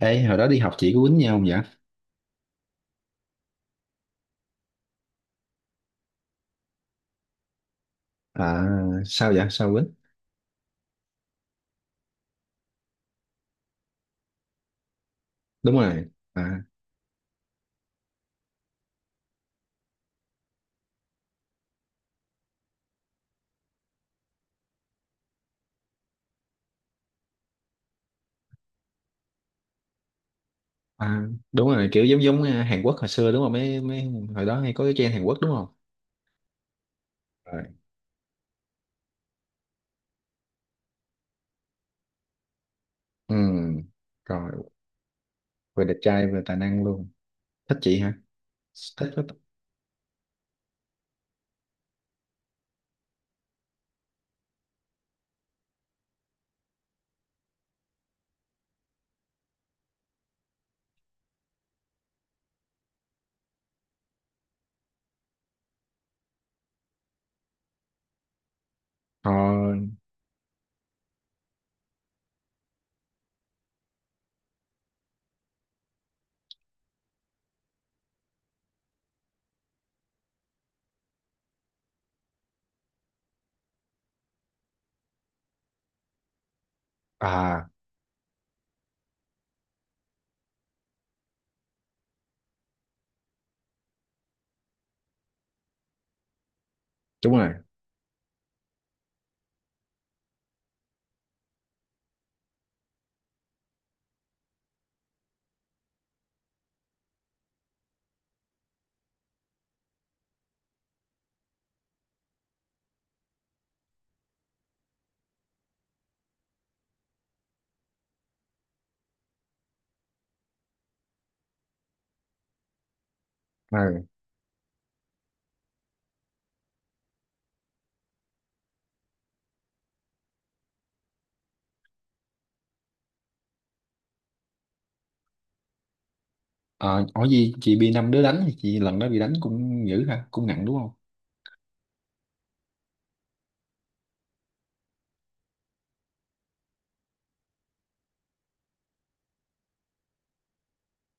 Ê, hồi đó đi học chị có quýnh nhau không vậy? À, sao vậy? Sao quýnh? Đúng rồi. À, à, đúng rồi, kiểu giống giống Hàn Quốc hồi xưa đúng không? Mấy mấy hồi đó hay có cái trend Hàn Quốc đúng không? Rồi. Ừ, rồi, vừa đẹp trai vừa tài năng luôn. Thích chị hả? Thích quá. Ờ, à, đúng rồi. À, ờ, ở gì chị bị năm đứa đánh thì chị lần đó bị đánh cũng dữ ha, cũng nặng đúng không?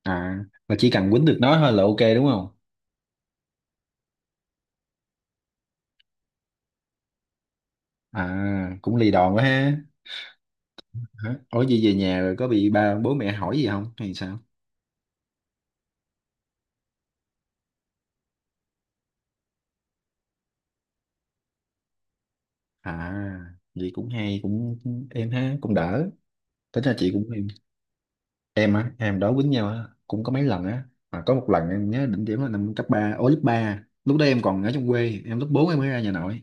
À, là chỉ cần quýnh được nó thôi là ok đúng không? À, cũng lì đòn quá ha. Hả? Ủa gì về nhà rồi có bị ba bố mẹ hỏi gì không hay sao? À, vậy cũng hay, cũng em ha, cũng đỡ. Tính ra chị cũng em. Em á, em đó quýnh nhau á, cũng có mấy lần á. Mà có một lần em nhớ đỉnh điểm là năm cấp 3 lớp ba. Lúc đó em còn ở trong quê, em lớp 4 em mới ra nhà nội.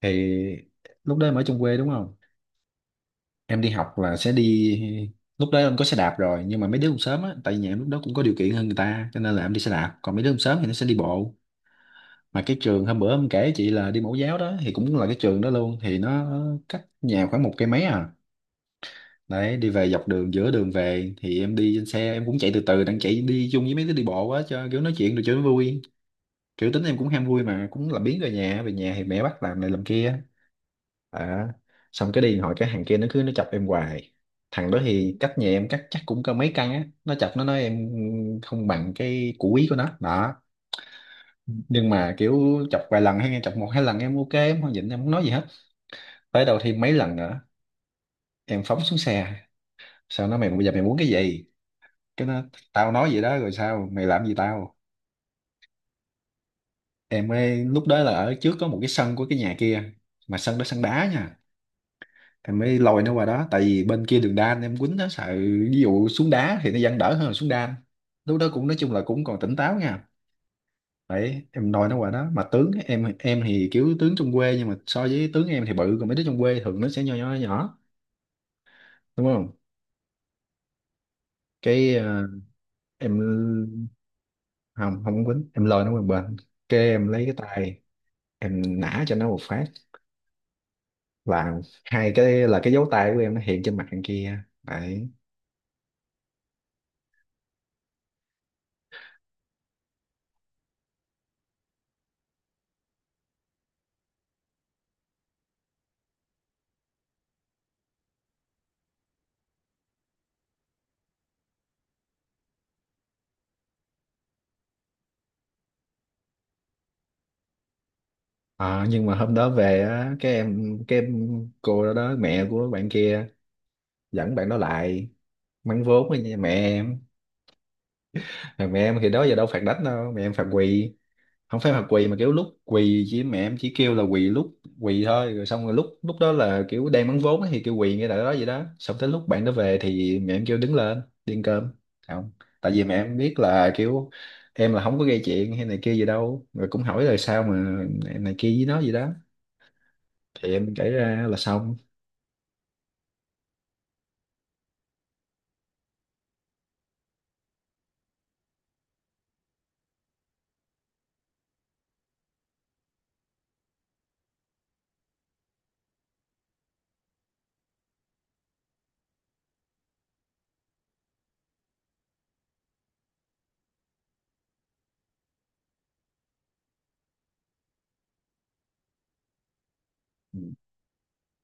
Thì lúc đó em ở trong quê đúng không? Em đi học là sẽ đi, lúc đó em có xe đạp rồi, nhưng mà mấy đứa cũng sớm á, tại vì nhà em lúc đó cũng có điều kiện hơn người ta cho nên là em đi xe đạp, còn mấy đứa cũng sớm thì nó sẽ đi bộ. Mà cái trường hôm bữa em kể chị là đi mẫu giáo đó thì cũng là cái trường đó luôn, thì nó cách nhà khoảng một cây mấy à. Đấy, đi về dọc đường giữa đường về thì em đi trên xe, em cũng chạy từ từ, đang chạy đi chung với mấy đứa đi bộ quá cho kiểu nói chuyện được cho nó vui. Kiểu tính em cũng ham vui mà cũng làm biếng về nhà, về nhà thì mẹ bắt làm này làm kia. à, Xong cái đi hỏi cái hàng kia nó cứ chọc em hoài. Thằng đó thì cách nhà em cách chắc cũng có mấy căn á, nó chọc nó nói em không bằng cái củ quý của nó đó. Nhưng mà kiểu chọc vài lần hay nghe chọc một hai lần em ok, em không nhịn, em không nói gì hết. Tới đầu thêm mấy lần nữa em phóng xuống xe. Sao nó, mày bây giờ mày muốn cái gì? Cái nó, tao nói vậy đó rồi sao mày làm gì tao? Em mới lúc đó là ở trước có một cái sân của cái nhà kia, mà sân đó sân đá nha. Em mới lôi nó qua đó tại vì bên kia đường đan em quýnh nó sợ, ví dụ xuống đá thì nó vẫn đỡ hơn là xuống đan. Lúc đó cũng nói chung là cũng còn tỉnh táo nha. Đấy, em nói nó quả đó mà tướng em thì kiểu tướng trong quê, nhưng mà so với tướng em thì bự, còn mấy đứa trong quê thường nó sẽ nhỏ nhỏ nhỏ, đúng không? Cái em không không quýnh, em lôi nó qua một bên. Cái em lấy cái tay em nã cho nó một phát, là hai cái, là cái dấu tay của em nó hiện trên mặt thằng kia đấy. Ờ, nhưng mà hôm đó về á cái em, cô đó đó mẹ của bạn kia dẫn bạn đó lại mắng vốn với nhà mẹ em. Mà mẹ em thì đó giờ đâu phạt đánh đâu, mẹ em phạt quỳ, không phải là quỳ mà kiểu lúc quỳ chỉ, mẹ em chỉ kêu là quỳ lúc quỳ thôi, rồi xong rồi lúc lúc đó là kiểu đang bán vốn á thì kêu quỳ ngay tại đó vậy đó, xong tới lúc bạn đó về thì mẹ em kêu đứng lên đi ăn cơm. Không, tại vì mẹ em biết là kiểu em là không có gây chuyện hay này kia gì đâu, rồi cũng hỏi là sao mà em này kia với nó gì đó. Thì em kể ra là xong.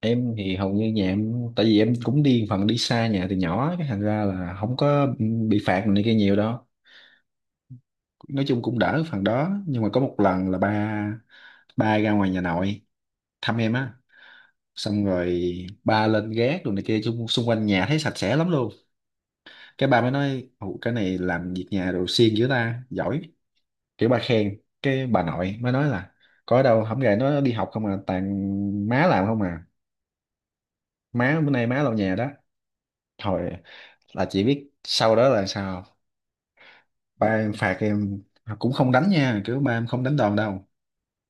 Em thì hầu như nhà em tại vì em cũng đi phần đi xa nhà từ nhỏ á, cái thành ra là không có bị phạt này kia nhiều đâu. Nói chung cũng đỡ phần đó, nhưng mà có một lần là ba ba ra ngoài nhà nội thăm em á, xong rồi ba lên gác rồi này kia chung xung quanh nhà thấy sạch sẽ lắm luôn. Cái ba mới nói: "Ồ, cái này làm việc nhà đồ siêng dữ ta, giỏi." Kiểu ba khen, cái bà nội mới nói là có đâu, không gầy nó đi học không à, toàn má làm không à, má bữa nay má lau nhà đó. Thôi, là chỉ biết sau đó là sao không? Ba em phạt em, cũng không đánh nha, kiểu ba em không đánh đòn đâu,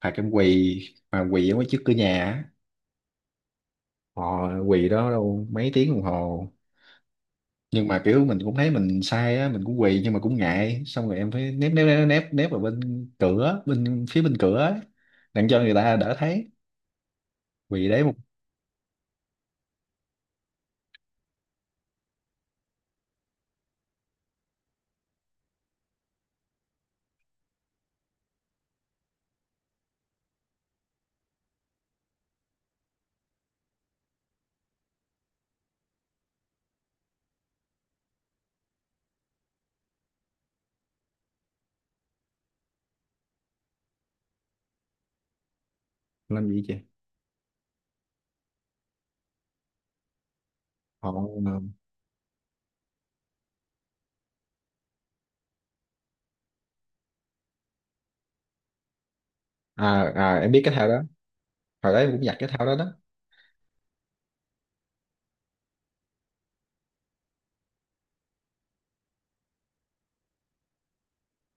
phạt em quỳ mà quỳ ở ngoài trước cửa nhà á. Họ, quỳ đó đâu mấy tiếng đồng hồ, nhưng mà kiểu mình cũng thấy mình sai á, mình cũng quỳ nhưng mà cũng ngại, xong rồi em phải nép nép nép nép nép vào bên cửa, bên phía bên cửa á, đặng cho người ta đỡ thấy. Quỳ đấy một. Làm gì chị. Họ. À, à em biết cái thao đó, hồi đó em cũng giặt cái thao đó đó.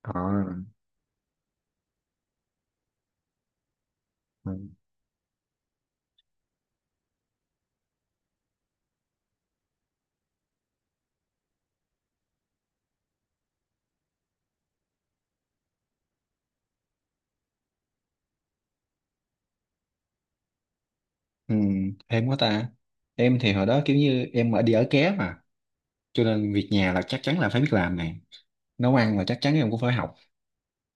Họ. Ừ, ừ, em quá ta. Em thì hồi đó kiểu như em ở đi ở ké mà, cho nên việc nhà là chắc chắn là phải biết làm này, nấu ăn là chắc chắn em cũng phải học,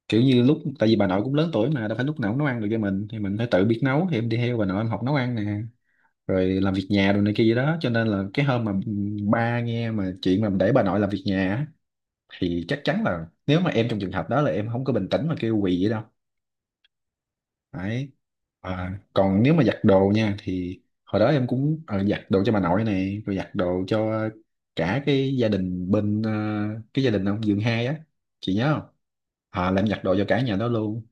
kiểu như lúc tại vì bà nội cũng lớn tuổi mà đâu phải lúc nào cũng nấu ăn được cho mình thì mình phải tự biết nấu, thì em đi theo bà nội em học nấu ăn nè, rồi làm việc nhà đồ này kia vậy đó, cho nên là cái hôm mà ba nghe mà chuyện mà để bà nội làm việc nhà á, thì chắc chắn là nếu mà em trong trường hợp đó là em không có bình tĩnh mà kêu quỳ vậy đâu. Đấy. À, còn nếu mà giặt đồ nha, thì hồi đó em cũng giặt đồ cho bà nội này, rồi giặt đồ cho cả cái gia đình bên cái gia đình ông Dương hai á, chị nhớ không? À, làm giặt đồ cho cả nhà đó luôn.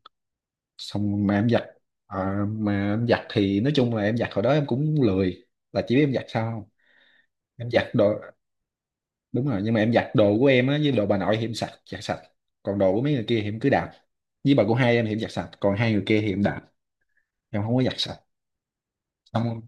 Xong mà em giặt mà em giặt thì nói chung là em giặt hồi đó em cũng lười, là chỉ biết em giặt sao không. Em giặt đồ, đúng rồi, nhưng mà em giặt đồ của em á với đồ bà nội thì em sạch, giặt sạch, còn đồ của mấy người kia thì em cứ đạp. Với bà của hai em thì em giặt sạch, còn hai người kia thì em đạp, em không có giặt sạch. Xong.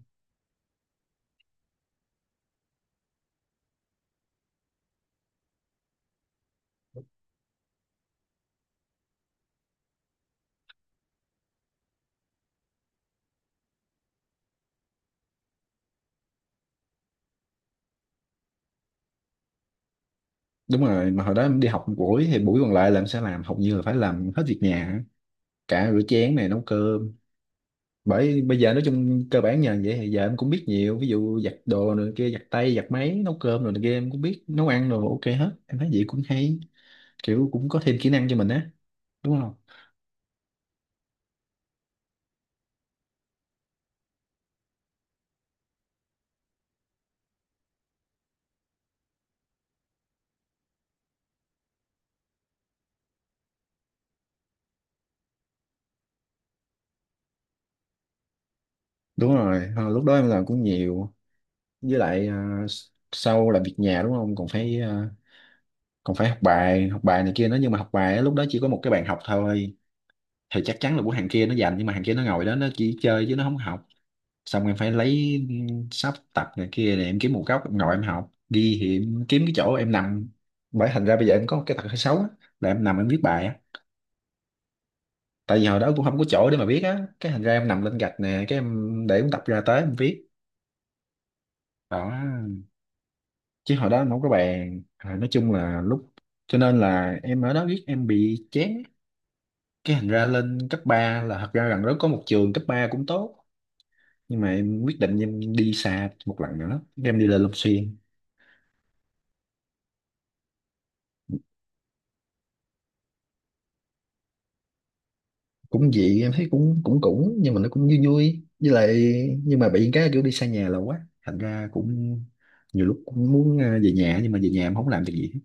Đúng rồi, mà hồi đó em đi học một buổi thì buổi còn lại là em sẽ làm, hầu như là phải làm hết việc nhà á. Cả rửa chén này nấu cơm. Bởi bây giờ nói chung cơ bản nhờ vậy thì giờ em cũng biết nhiều, ví dụ giặt đồ này kia, giặt tay giặt máy, nấu cơm rồi này kia, em cũng biết nấu ăn rồi, ok hết. Em thấy vậy cũng hay, kiểu cũng có thêm kỹ năng cho mình á, đúng không? Đúng rồi. À, lúc đó em làm cũng nhiều, với lại à, sau làm việc nhà đúng không, còn phải à, còn phải học bài, học bài này kia nữa, nhưng mà học bài á, lúc đó chỉ có một cái bàn học thôi, thì chắc chắn là của hàng kia nó dành, nhưng mà hàng kia nó ngồi đó nó chỉ chơi chứ nó không học. Xong em phải lấy sắp tập này kia để em kiếm một góc em ngồi em học đi, thì em kiếm cái chỗ em nằm. Bởi thành ra bây giờ em có một cái tật hơi xấu á, là em nằm em viết bài á, tại vì hồi đó cũng không có chỗ để mà viết á, cái thành ra em nằm lên gạch nè, cái em để em tập ra tới em viết. Đó. Chứ hồi đó em không có bàn. Rồi, nói chung là lúc, cho nên là em ở đó viết em bị chán. Cái thành ra lên cấp 3 là thật ra gần đó có một trường cấp 3 cũng tốt, nhưng mà em quyết định em đi xa một lần nữa, em đi lên Long Xuyên. Cũng dị em thấy cũng cũng cũng nhưng mà nó cũng vui vui, với lại, nhưng mà bị cái kiểu đi xa nhà là quá thành ra cũng nhiều lúc cũng muốn về nhà, nhưng mà về nhà em không làm được gì hết.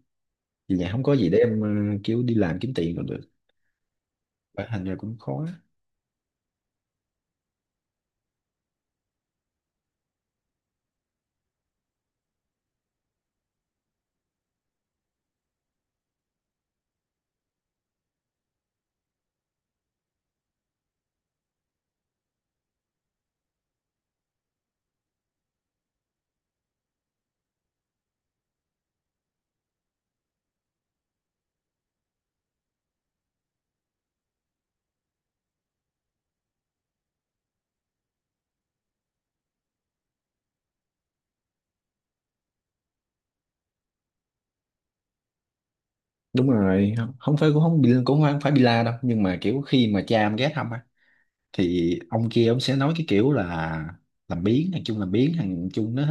Về nhà không có gì để em kiểu đi làm kiếm tiền còn được. Phải, thành ra cũng khó. Đúng rồi, không, không phải, cũng không bị, cũng không phải bị la đâu, nhưng mà kiểu khi mà cha em ghé thăm á, thì ông kia ông sẽ nói cái kiểu là làm biếng thằng chung, làm biếng thằng chung nó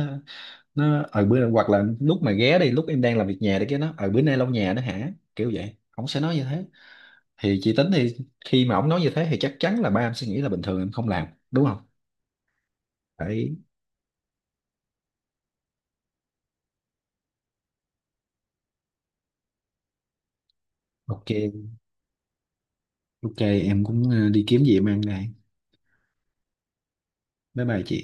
nó ở bữa, hoặc là lúc mà ghé đi lúc em đang làm việc nhà đi cái nó ở bữa nay lau nhà đó hả, kiểu vậy, ổng sẽ nói như thế. Thì chị tính thì khi mà ổng nói như thế thì chắc chắn là ba em sẽ nghĩ là bình thường em không làm, đúng không? Đấy. Ok, ok, em cũng đi kiếm gì em ăn đây. Bye bye chị.